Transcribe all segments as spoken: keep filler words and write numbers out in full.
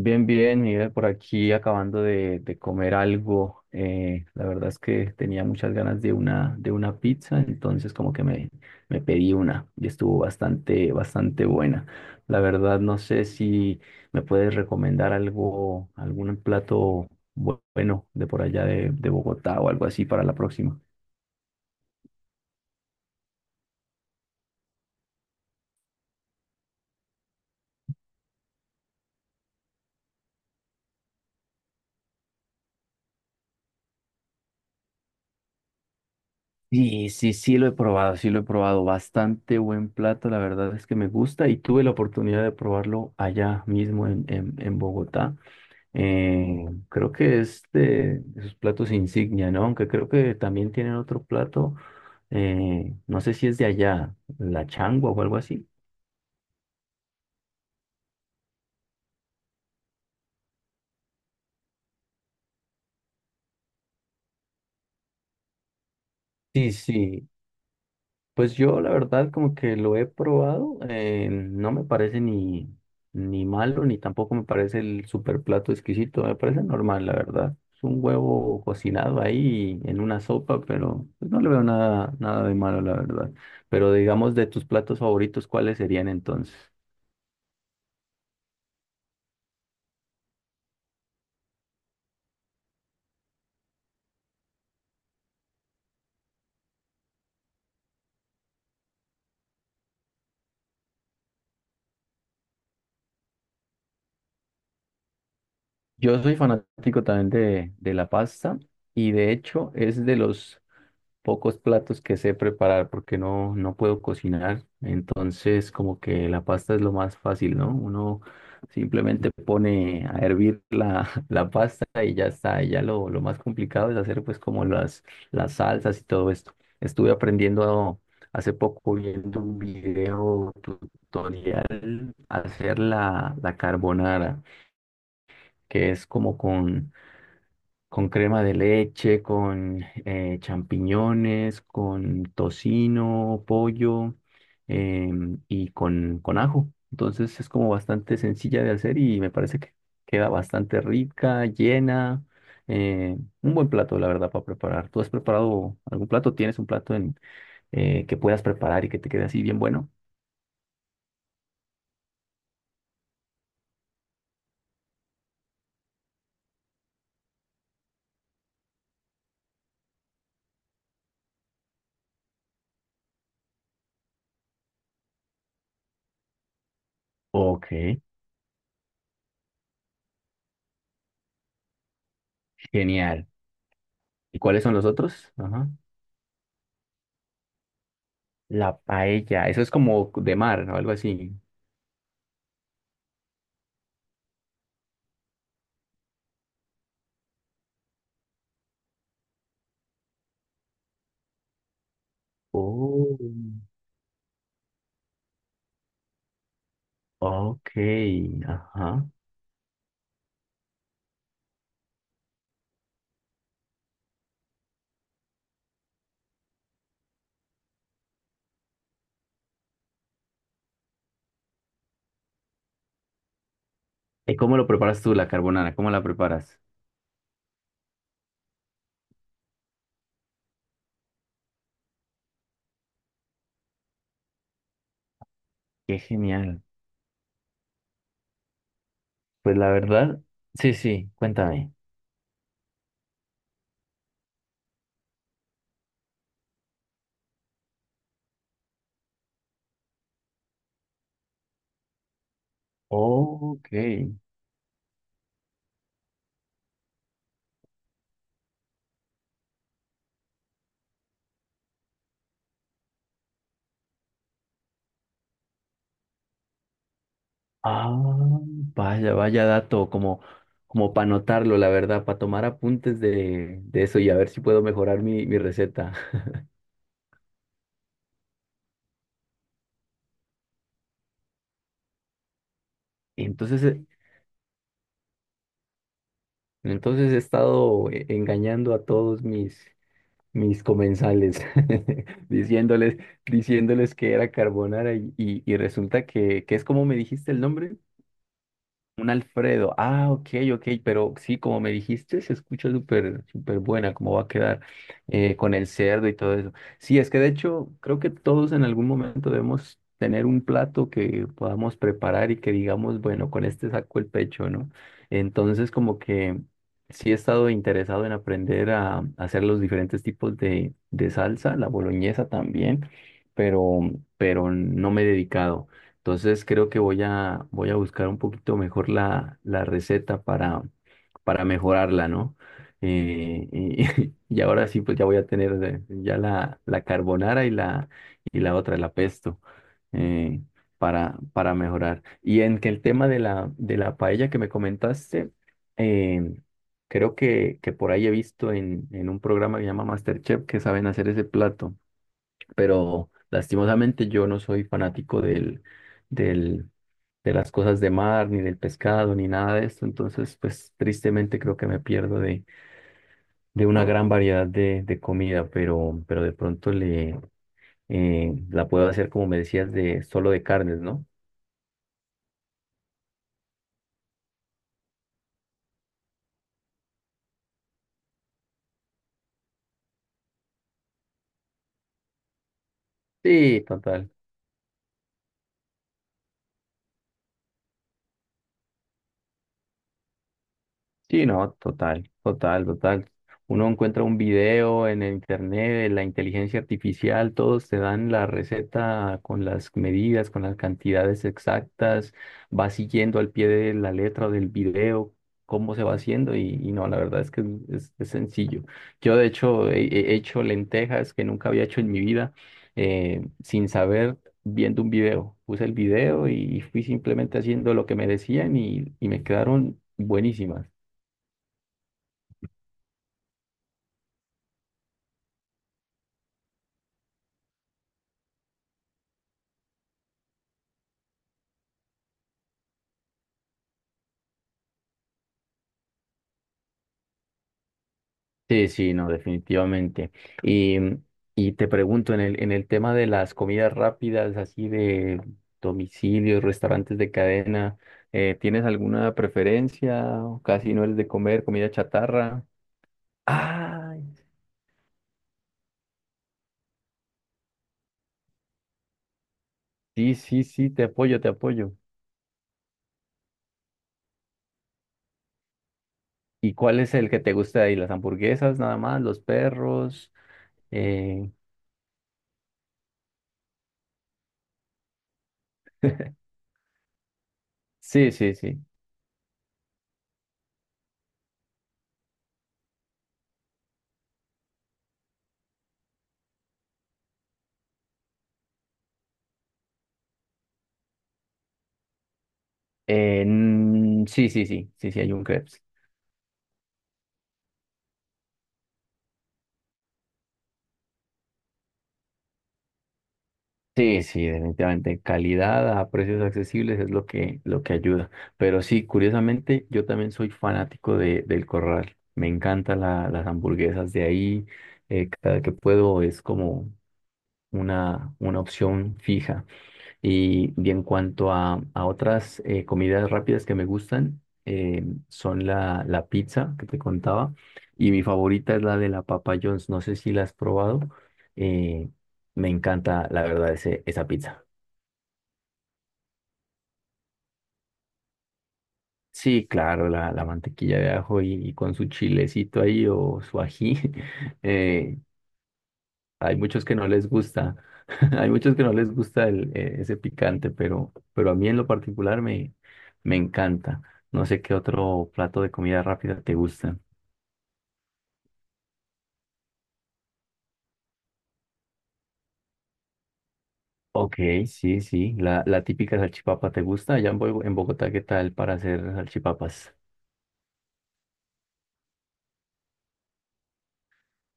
Bien, bien, Miguel, por aquí acabando de, de comer algo. Eh, la verdad es que tenía muchas ganas de una, de una pizza, entonces como que me, me pedí una y estuvo bastante, bastante buena. La verdad no sé si me puedes recomendar algo, algún plato bu- bueno de por allá de, de Bogotá o algo así para la próxima. Sí, sí, sí lo he probado, sí lo he probado. Bastante buen plato, la verdad es que me gusta y tuve la oportunidad de probarlo allá mismo en, en, en Bogotá. Eh, creo que es de, de sus platos insignia, ¿no? Aunque creo que también tienen otro plato, eh, no sé si es de allá, la changua o algo así. Sí, sí, pues yo la verdad como que lo he probado, eh, no me parece ni, ni malo, ni tampoco me parece el super plato exquisito, me parece normal, la verdad. Es un huevo cocinado ahí en una sopa, pero pues, no le veo nada, nada de malo, la verdad. Pero digamos, de tus platos favoritos, ¿cuáles serían entonces? Yo soy fanático también de, de la pasta y de hecho es de los pocos platos que sé preparar porque no, no puedo cocinar. Entonces como que la pasta es lo más fácil, ¿no? Uno simplemente pone a hervir la, la pasta y ya está. Y ya lo, lo más complicado es hacer pues como las, las salsas y todo esto. Estuve aprendiendo hace poco viendo un video tutorial hacer la, la carbonara, que es como con con crema de leche, con eh, champiñones, con tocino, pollo, em, y con, con ajo. Entonces es como bastante sencilla de hacer y me parece que queda bastante rica, llena. eh, un buen plato, la verdad, para preparar. ¿Tú has preparado algún plato? ¿Tienes un plato en, eh, que puedas preparar y que te quede así bien bueno? Ok, genial. ¿Y cuáles son los otros? Ajá. La paella, eso es como de mar o algo así. Oh. Ok, ajá. ¿Y cómo lo preparas tú, la carbonara? ¿Cómo la preparas? Qué genial. Pues la verdad, sí, sí, cuéntame. Ok. Ah, vaya, vaya dato, como, como para anotarlo, la verdad, para tomar apuntes de, de eso y a ver si puedo mejorar mi, mi receta. Entonces, eh, entonces he estado eh, engañando a todos mis, mis comensales, diciéndoles, diciéndoles que era carbonara y, y- y resulta que, que es como me dijiste el nombre. Un Alfredo. Ah, ok, ok, pero sí, como me dijiste, se escucha súper, súper buena, cómo va a quedar eh, con el cerdo y todo eso. Sí, es que de hecho, creo que todos en algún momento debemos tener un plato que podamos preparar y que digamos, bueno, con este saco el pecho, ¿no? Entonces, como que sí he estado interesado en aprender a, a hacer los diferentes tipos de, de salsa, la boloñesa también, pero, pero no me he dedicado. Entonces creo que voy a, voy a buscar un poquito mejor la, la receta para, para mejorarla, ¿no? Eh, y, y ahora sí, pues ya voy a tener eh, ya la, la carbonara y la, y la otra, la pesto, eh, para, para mejorar. Y en que el tema de la, de la paella que me comentaste, eh, creo que, que por ahí he visto en, en un programa que se llama MasterChef, que saben hacer ese plato, pero lastimosamente yo no soy fanático del, del, de las cosas de mar, ni del pescado, ni nada de esto. Entonces pues tristemente creo que me pierdo de, de una gran variedad de, de comida, pero, pero de pronto le, eh, la puedo hacer como me decías, de solo de carnes, ¿no? Sí, total. Sí, no, total, total, total. Uno encuentra un video en el internet, de la inteligencia artificial, todos te dan la receta con las medidas, con las cantidades exactas, va siguiendo al pie de la letra del video cómo se va haciendo y, y no, la verdad es que es, es sencillo. Yo de hecho he, he hecho lentejas que nunca había hecho en mi vida, eh, sin saber, viendo un video. Puse el video y fui simplemente haciendo lo que me decían y, y me quedaron buenísimas. Sí, sí, no, definitivamente. Y, mm, y te pregunto, en el, en el tema de las comidas rápidas, así de domicilios, restaurantes de cadena, eh, ¿tienes alguna preferencia? ¿O casi no eres de comer comida chatarra? Ah, sí, sí, sí, te apoyo, te apoyo. ¿Y cuál es el que te gusta de ahí? ¿Las hamburguesas nada más? ¿Los perros? Eh, sí, sí, sí. Eh, mm, sí, sí, sí, sí, sí, hay un crepes. Sí, sí, definitivamente. Calidad a precios accesibles es lo que, lo que ayuda. Pero sí, curiosamente, yo también soy fanático de, del Corral. Me encantan la- las hamburguesas de ahí. Eh, cada que puedo es como una, una opción fija. Y, y en cuanto a, a otras eh, comidas rápidas que me gustan, eh, son la, la pizza que te contaba. Y mi favorita es la de la Papa John's. No sé si la has probado. eh, Me encanta, la verdad, ese, esa pizza. Sí, claro, la, la mantequilla de ajo y, y con su chilecito ahí o su ají. eh, Hay muchos que no les gusta, hay muchos que no les gusta el, eh, ese picante, pero, pero a mí en lo particular me, me encanta. No sé qué otro plato de comida rápida te gusta. Ok, sí, sí, la, la típica salchipapa te gusta. Allá en Bo- en Bogotá, ¿qué tal para hacer salchipapas?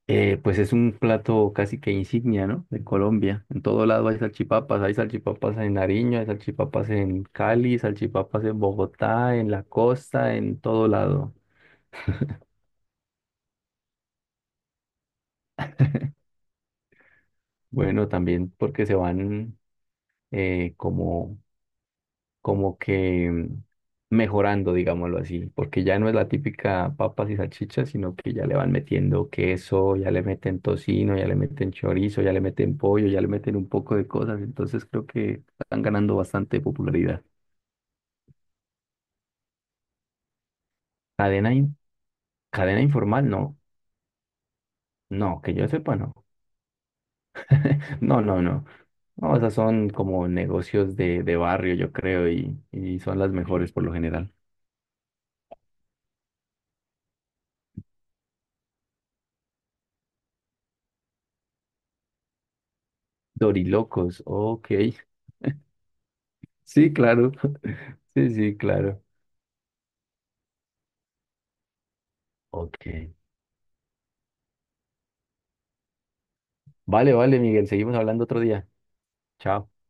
Eh, pues es un plato casi que insignia, ¿no? De Colombia. En todo lado hay salchipapas. Hay salchipapas en Nariño, hay salchipapas en Cali, salchipapas en Bogotá, en la costa, en todo lado. Bueno, también porque se van eh, como, como que mm, mejorando, digámoslo así, porque ya no es la típica papas y salchichas, sino que ya le van metiendo queso, ya le meten tocino, ya le meten chorizo, ya le meten pollo, ya le meten un poco de cosas. Entonces creo que están ganando bastante popularidad. Cadena, in- cadena informal, no. No, que yo sepa, no. No, no, no. No, esas son como negocios de, de barrio, yo creo, y, y son las mejores por lo general. Dorilocos, ok. Sí, claro. Sí, sí, claro. Ok. Vale, vale, Miguel, seguimos hablando otro día. Chao.